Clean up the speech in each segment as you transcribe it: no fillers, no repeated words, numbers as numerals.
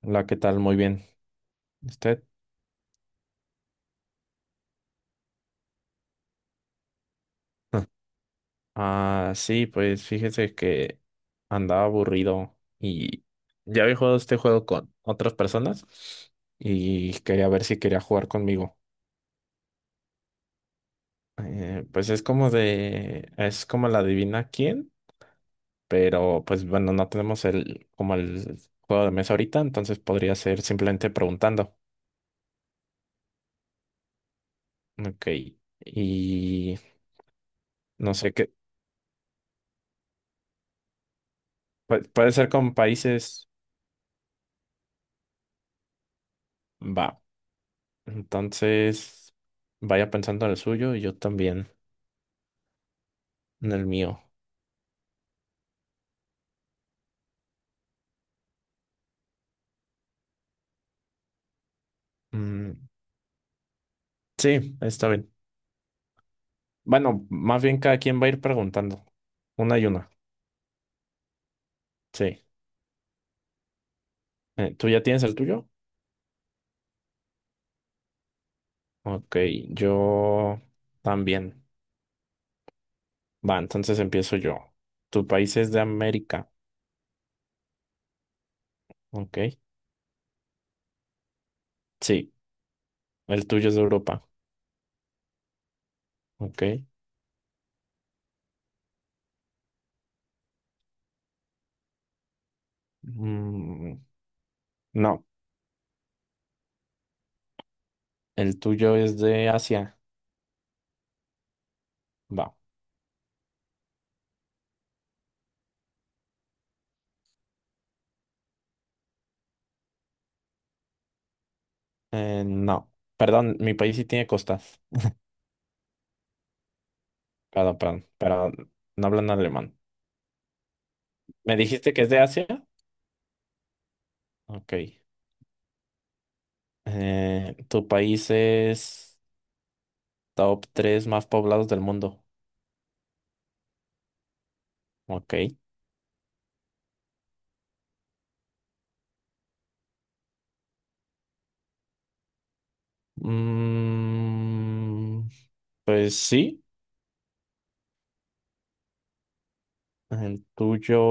Hola, ¿qué tal? Muy bien. ¿Usted? Ah, sí, pues fíjese que andaba aburrido y ya había jugado este juego con otras personas y quería ver si quería jugar conmigo. Pues es como de, es como la adivina quién, pero pues bueno, no tenemos el, como el juego de mesa ahorita, entonces podría ser simplemente preguntando. Ok. Y no sé qué, puede ser con países, va. Entonces, vaya pensando en el suyo y yo también en el mío. Mm, sí, está bien. Bueno, más bien cada quien va a ir preguntando. Una y una. Sí. ¿Tú ya tienes el tuyo? Ok, yo también. Va, entonces empiezo yo. ¿Tu país es de América? Ok. Sí. ¿El tuyo es de Europa? Ok. Mm, no. ¿El tuyo es de Asia? Va. No. Perdón, mi país sí tiene costas. Perdón, perdón, pero no hablan alemán. ¿Me dijiste que es de Asia? Ok. ¿Tu país es top 3 más poblados del mundo? Ok. Mm, pues sí, el tuyo...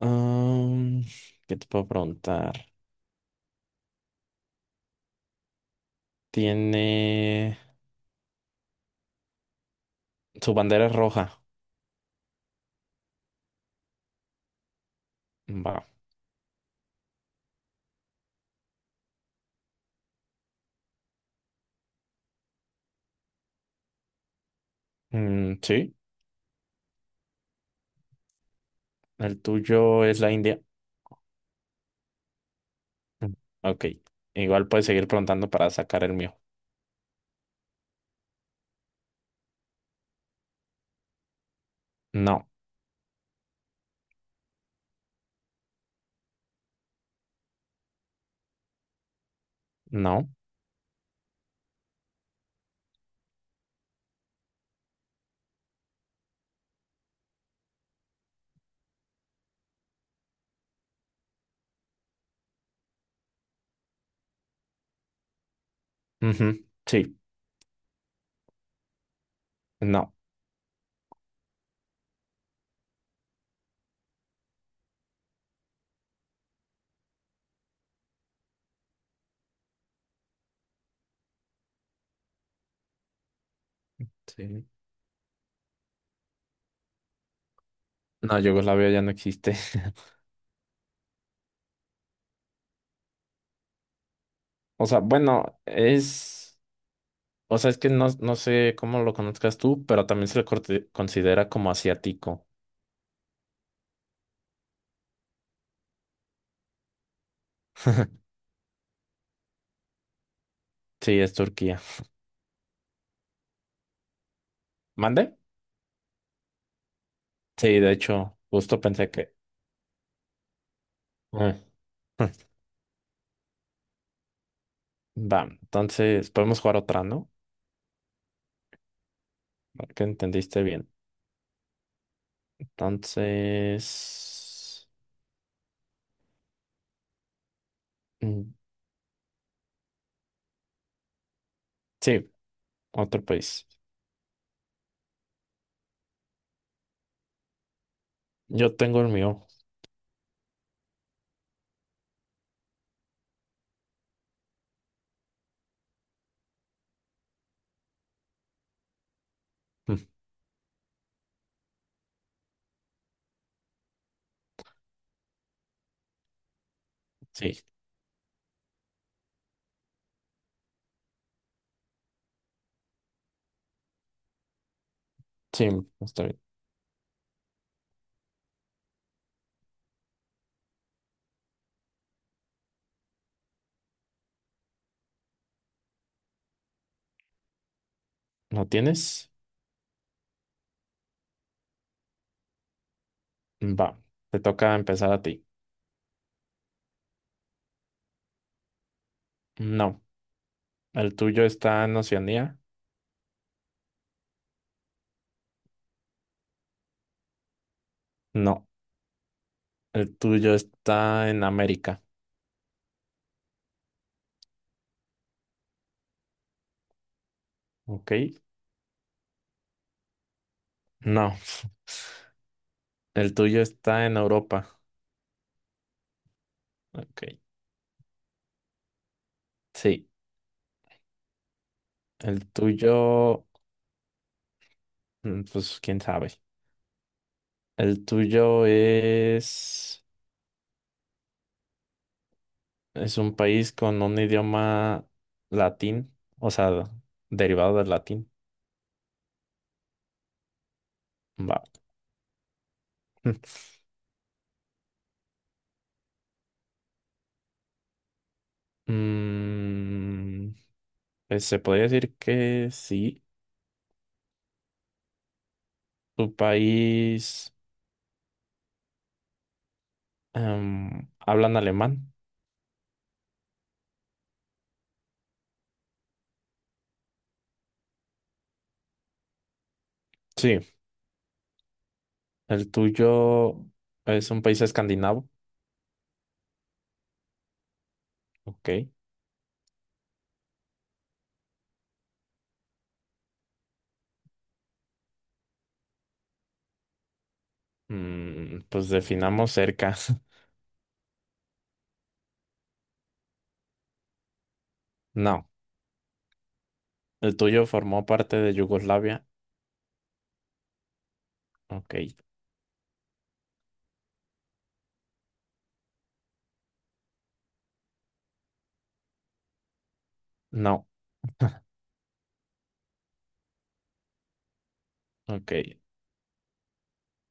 mm, ¿qué te puedo preguntar? Tiene... Su bandera es roja. Va. Mm, sí, el tuyo es la India. Mm, ok. Igual puedes seguir preguntando para sacar el mío. No, no. Ujú, sí, no. Sí. No, Yugoslavia ya no existe. O sea, bueno, es. O sea, es que no, no sé cómo lo conozcas tú, pero también considera como asiático. Sí, es Turquía. ¿Mande? Sí, de hecho, justo pensé que. Ah. Va, entonces podemos jugar otra, ¿no? Para que entendiste bien. Entonces. Mm, sí, otro país. Yo tengo el mío. Mm, sí, sí, está bien. ¿Lo tienes? Va, te toca empezar a ti. No, el tuyo está en Oceanía. No, el tuyo está en América. Ok. No, el tuyo está en Europa. Ok. Sí, el tuyo, mm, pues quién sabe. El tuyo es un país con un idioma latín, o sea, derivado del latín. Va. Mm, pues, se podría decir que sí. Tu país. ¿Hablan alemán? Sí. ¿El tuyo es un país escandinavo? Ok. Mm, pues definamos cerca. No. ¿El tuyo formó parte de Yugoslavia? Ok. No. Ok.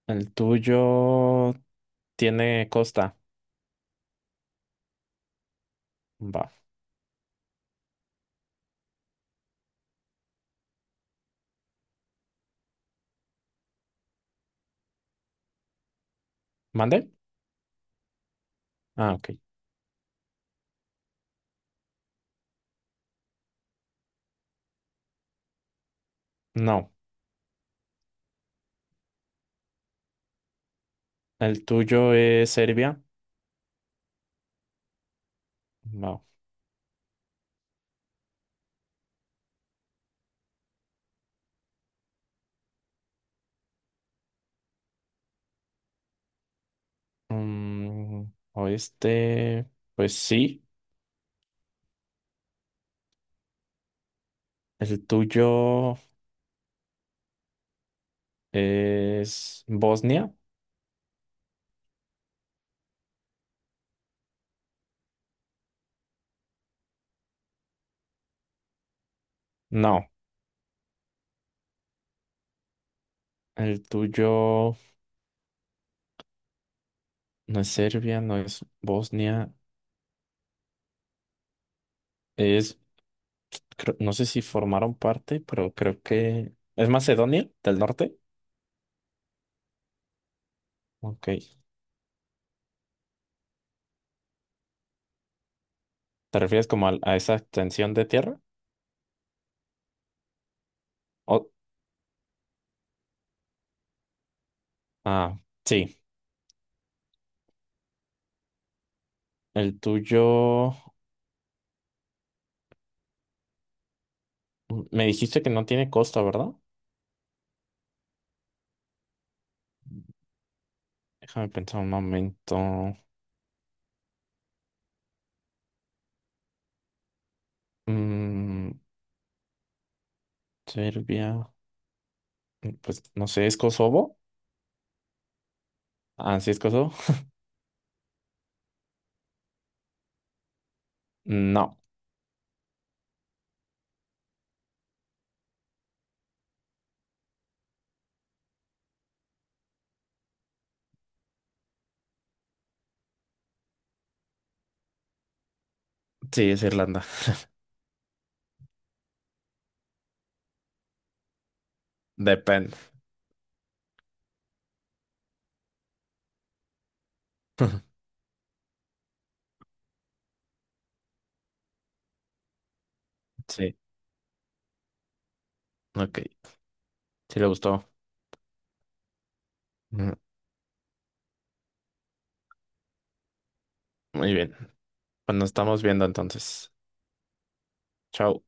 ¿El tuyo tiene costa? Va. ¿Mande? Ah, ok. No. ¿El tuyo es Serbia? No. Mm, oeste, pues sí. ¿El tuyo es Bosnia? No. El tuyo no es Serbia, no es Bosnia, es, no sé si formaron parte, pero creo que es Macedonia del Norte. Ok. ¿Te refieres como a esa extensión de tierra? O- ah, sí. El tuyo, mm, me dijiste que no tiene costa, ¿verdad? Déjame pensar un momento. Mm, Serbia, mm, pues no sé, ¿es Kosovo? Ah, sí, es Kosovo. No, sí, es Irlanda. Depende. Sí, ok. Sí le gustó. Mm, muy bien. Pues nos estamos viendo entonces. Chao.